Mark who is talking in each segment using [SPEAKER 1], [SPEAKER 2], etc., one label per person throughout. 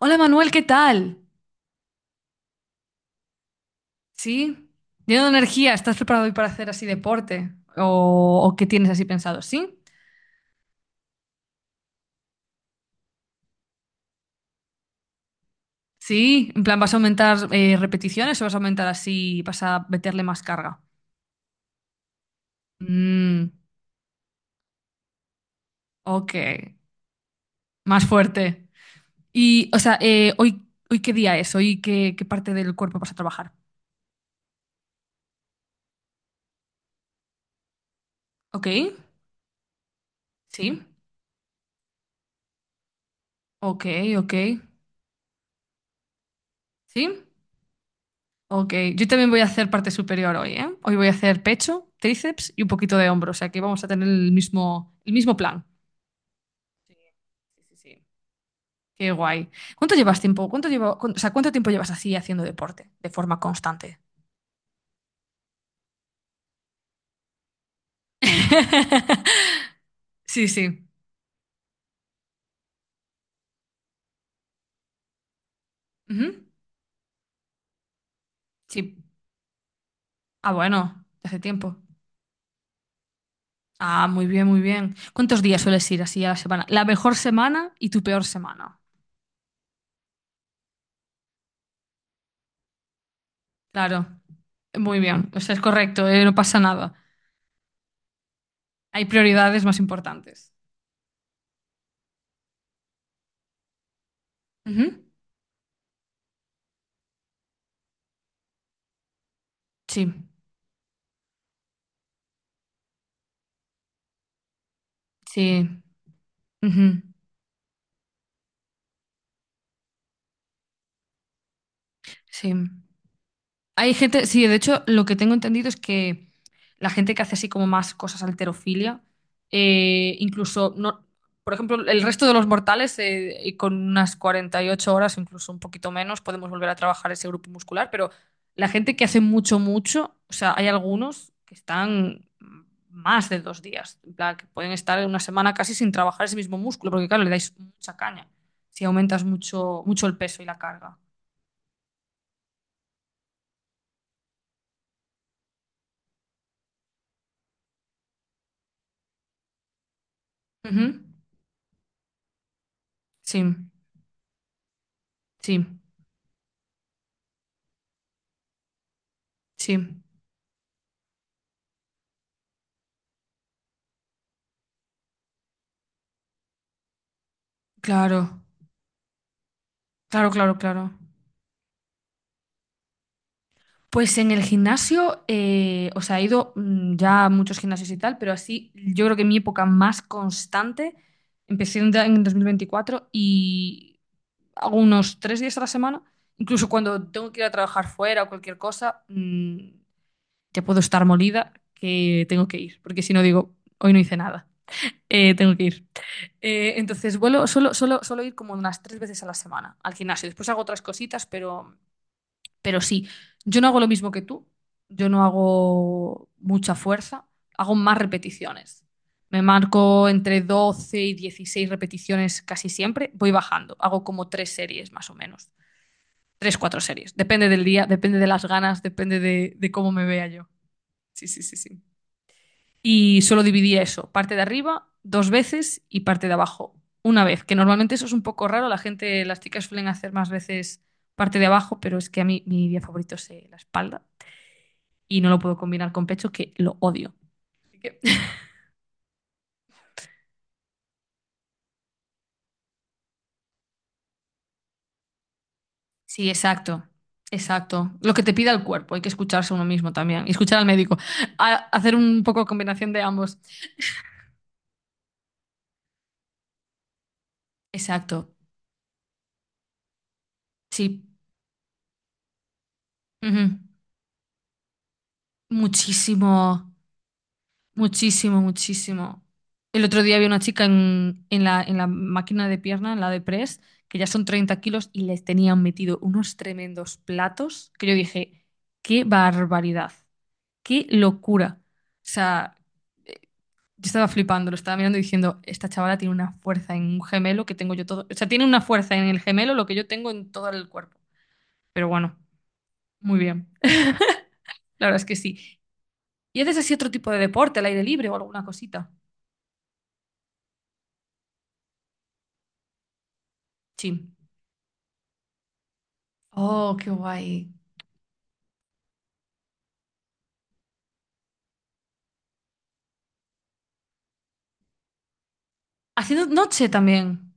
[SPEAKER 1] Hola Manuel, ¿qué tal? ¿Sí? Lleno de energía, ¿estás preparado hoy para hacer así deporte? ¿O qué tienes así pensado? ¿Sí? Sí, en plan, ¿vas a aumentar repeticiones o vas a aumentar así, vas a meterle más carga? Mm, ok, más fuerte. Y, o sea, ¿hoy qué día es? ¿Hoy qué parte del cuerpo vas a trabajar? Ok, sí, ok, ok, sí. Ok, yo también voy a hacer parte superior hoy, ¿eh? Hoy voy a hacer pecho, tríceps y un poquito de hombro, o sea que vamos a tener el mismo plan. Sí, sí, sí. Sí. Qué guay. ¿Cuánto llevas tiempo? ¿Cuánto llevo, o sea, cuánto tiempo llevas así haciendo deporte de forma constante? Sí, sí. Ujú. Sí. Ah, bueno, de hace tiempo. Ah, muy bien, muy bien. ¿Cuántos días sueles ir así a la semana? La mejor semana y tu peor semana. Claro, muy bien. O sea, es correcto, no pasa nada. Hay prioridades más importantes. Ujú. Sí, sí, ujú, sí. Hay gente, sí, de hecho, lo que tengo entendido es que la gente que hace así como más cosas alterofilia, incluso, no, por ejemplo, el resto de los mortales, y con unas 48 horas, incluso un poquito menos, podemos volver a trabajar ese grupo muscular, pero la gente que hace mucho, mucho, o sea, hay algunos que están más de 2 días, en plan, que pueden estar una semana casi sin trabajar ese mismo músculo, porque claro, le dais mucha caña si aumentas mucho, mucho el peso y la carga. Ujú. Sí, sí. Sí, claro, claro, claro, claro. Pues en el gimnasio, o sea, he ido ya a muchos gimnasios y tal, pero así yo creo que mi época más constante empecé en 2024 y hago unos 3 días a la semana. Incluso cuando tengo que ir a trabajar fuera o cualquier cosa, ya puedo estar molida que tengo que ir, porque si no digo, hoy no hice nada, tengo que ir. Entonces, solo ir como unas 3 veces a la semana al gimnasio. Después hago otras cositas, Pero sí, yo no hago lo mismo que tú, yo no hago mucha fuerza, hago más repeticiones. Me marco entre 12 y 16 repeticiones casi siempre, voy bajando, hago como tres series más o menos, tres, cuatro series, depende del día, depende de las ganas, depende de cómo me vea yo. Sí, sí, sí, sí. Y solo dividía eso, parte de arriba dos veces y parte de abajo una vez, que normalmente eso es un poco raro, la gente, las chicas suelen hacer más veces parte de abajo, pero es que a mí mi día favorito es la espalda y no lo puedo combinar con pechos que lo odio. Así que- Sí, exacto, exacto. Lo que te pida el cuerpo, hay que escucharse uno mismo también y escuchar al médico. Hacer un poco de combinación de ambos. Exacto, sí. Ujú. Muchísimo, muchísimo, muchísimo. El otro día había una chica en, en la máquina de pierna, en la de press, que ya son 30 kilos y les tenían metido unos tremendos platos que yo dije, qué barbaridad, qué locura. O sea, yo estaba flipando, lo estaba mirando y diciendo, esta chavala tiene una fuerza en un gemelo que tengo yo todo. O sea, tiene una fuerza en el gemelo lo que yo tengo en todo el cuerpo. Pero bueno, muy bien. La verdad es que sí. ¿Y haces así otro tipo de deporte, al aire libre o alguna cosita? Sí. Oh, qué guay. Haciendo noche también.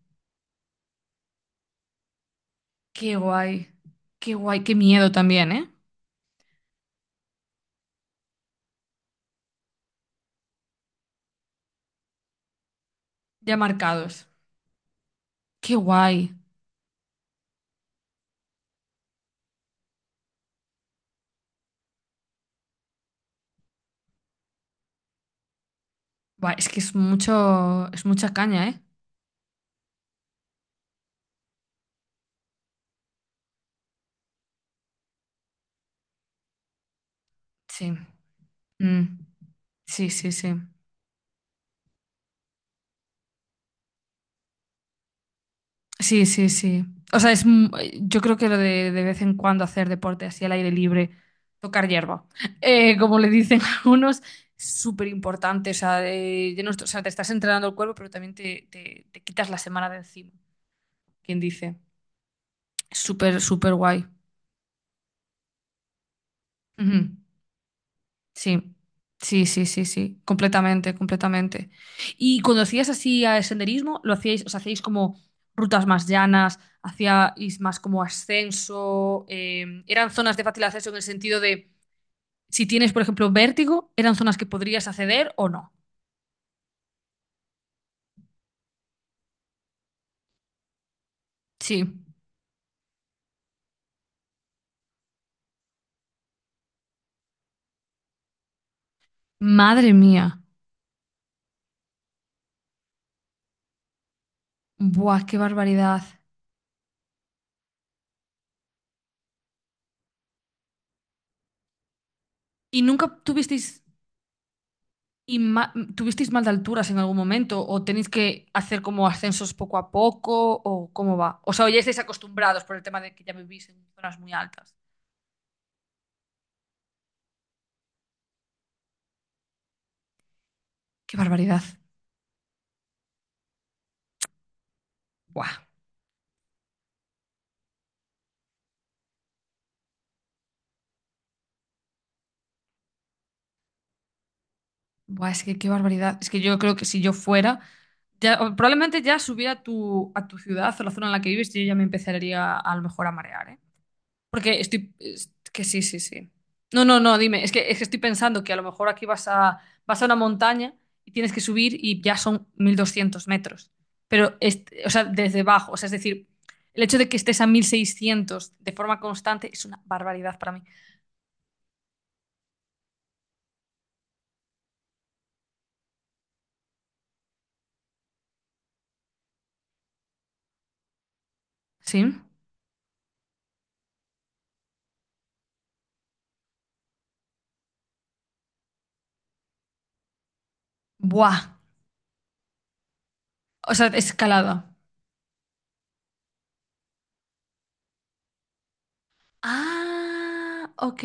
[SPEAKER 1] Qué guay. Qué guay. Qué miedo también, ¿eh? Ya marcados. Qué guay. Buah, es que es mucho, es mucha caña, ¿eh? Sí. Mm. Sí, sí, sí. Sí, sí, sí. O sea, yo creo que lo de vez en cuando hacer deporte así al aire libre, tocar hierba, como le dicen algunos, es súper importante. O sea, de no est- o sea, te estás entrenando el cuerpo, pero también te quitas la semana de encima, quien dice. Es súper, súper guay. Ujú. Sí, sí, sí, sí, sí, completamente, completamente. Y cuando hacías así a senderismo, lo hacíais, os hacíais como rutas más llanas, hacíais más como ascenso, eran zonas de fácil acceso en el sentido de si tienes, por ejemplo, vértigo, eran zonas que podrías acceder o no. Sí. Madre mía. Buah, qué barbaridad. ¿Y nunca tuvisteis ¿Y ma- tuvisteis mal de alturas en algún momento? ¿O tenéis que hacer como ascensos poco a poco? ¿O cómo va? O sea, ¿o ya estáis acostumbrados por el tema de que ya vivís en zonas muy altas? ¡Qué barbaridad! ¡Buah! ¡Buah! Es que qué barbaridad. Es que yo creo que si yo fuera, ya, o probablemente ya subiera a tu, ciudad o la zona en la que vives, yo ya me empezaría a lo mejor a marear, ¿eh? Porque es que sí, sí, sí. No, no, no, dime. Es que estoy pensando que a lo mejor aquí vas a una montaña y tienes que subir y ya son 1.200 metros. Pero, o sea, desde abajo. O sea, es decir, el hecho de que estés a 1.600 de forma constante es una barbaridad para mí. ¿Sí? Buah. O sea, escalada. Ah, ok.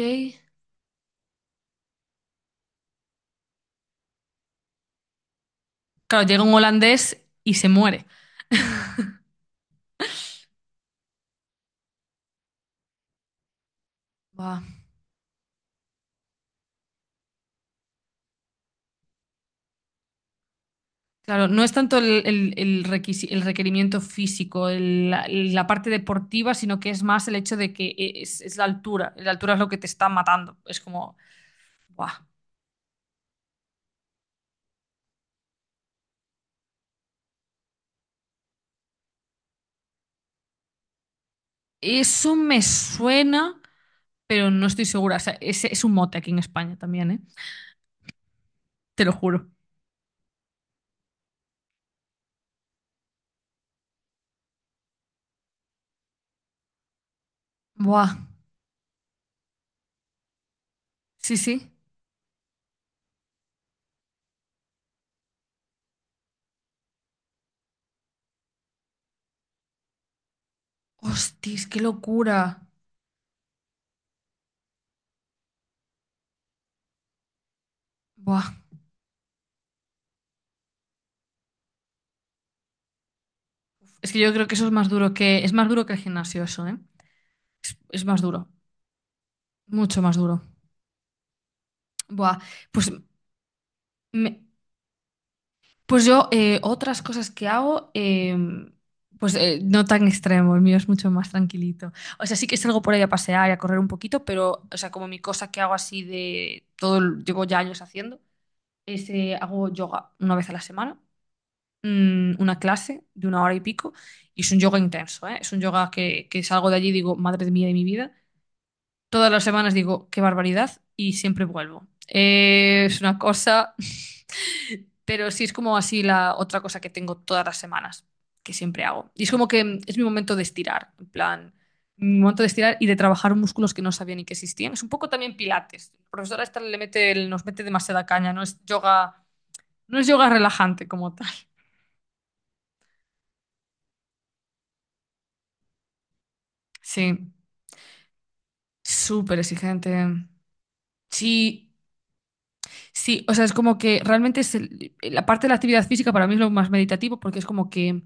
[SPEAKER 1] Claro, llega un holandés y se muere. Buah. Claro, no es tanto el, el requerimiento físico, la parte deportiva, sino que es más el hecho de que es la altura. La altura es lo que te está matando. Es como, ¡buah! Eso me suena, pero no estoy segura. O sea, es un mote aquí en España también, ¿eh? Te lo juro. ¡Buah! Sí, sí. ¡Hostis, qué locura! ¡Buah! Es que yo creo que eso es más duro que, es más duro que el gimnasio, eso, ¿eh? Es más duro, mucho más duro. ¡Buah! Pues me- Pues yo, otras cosas que hago, pues no tan extremo, el mío es mucho más tranquilito. O sea, sí que salgo por ahí a pasear y a correr un poquito, pero, o sea, como mi cosa que hago así de todo, llevo ya años haciendo, es hago yoga una vez a la semana, una clase de una hora y pico, y es un yoga intenso, ¿eh? Es un yoga que salgo de allí y digo, madre mía de mi vida. Todas las semanas digo, qué barbaridad, y siempre vuelvo. Es una cosa. Pero sí es como así la otra cosa que tengo todas las semanas, que siempre hago. Y es como que es mi momento de estirar, en plan, mi momento de estirar y de trabajar músculos que no sabía ni que existían. Es un poco también pilates. La profesora esta nos mete demasiada caña, no es yoga, no es yoga relajante como tal. Sí, súper exigente. Sí, sí, o sea, es como que realmente es la parte de la actividad física para mí es lo más meditativo porque es como que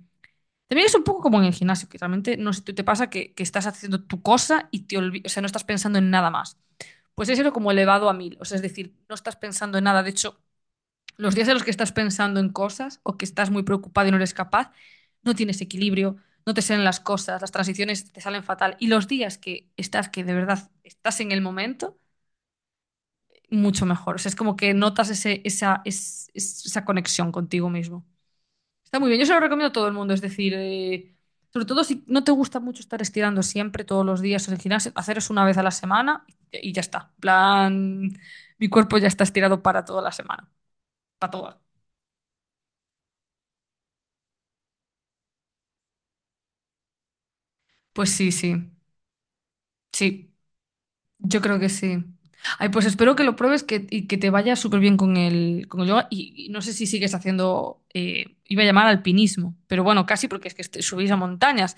[SPEAKER 1] también es un poco como en el gimnasio, que realmente no sé si te pasa que estás haciendo tu cosa y te olvidas, o sea, no estás pensando en nada más. Pues es eso como elevado a mil, o sea, es decir, no estás pensando en nada. De hecho, los días en los que estás pensando en cosas o que estás muy preocupado y no eres capaz, no tienes equilibrio, no te salen las cosas, las transiciones te salen fatal. Y los días que estás, que de verdad estás en el momento, mucho mejor. O sea, es como que notas ese, esa, es- esa conexión contigo mismo. Está muy bien, yo se lo recomiendo a todo el mundo, es decir, sobre todo si no te gusta mucho estar estirando siempre, todos los días en el gimnasio, hacer eso una vez a la semana y ya está. En plan, mi cuerpo ya está estirado para toda la semana, para toda. Pues sí, sí, sí. Yo creo que sí. Ay, pues espero que lo pruebes que, y que te vaya súper bien con el, yoga. Y no sé si sigues haciendo, iba a llamar alpinismo, pero bueno, casi porque es que subís a montañas.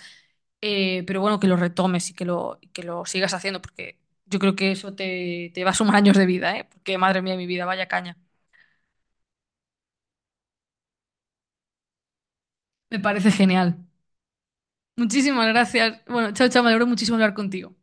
[SPEAKER 1] Pero bueno, que lo retomes y que lo, sigas haciendo, porque yo creo que eso te va a sumar años de vida, ¿eh? Porque madre mía, mi vida, vaya caña. Me parece genial. Muchísimas gracias. Bueno, chao, chao, me alegro muchísimo de hablar contigo.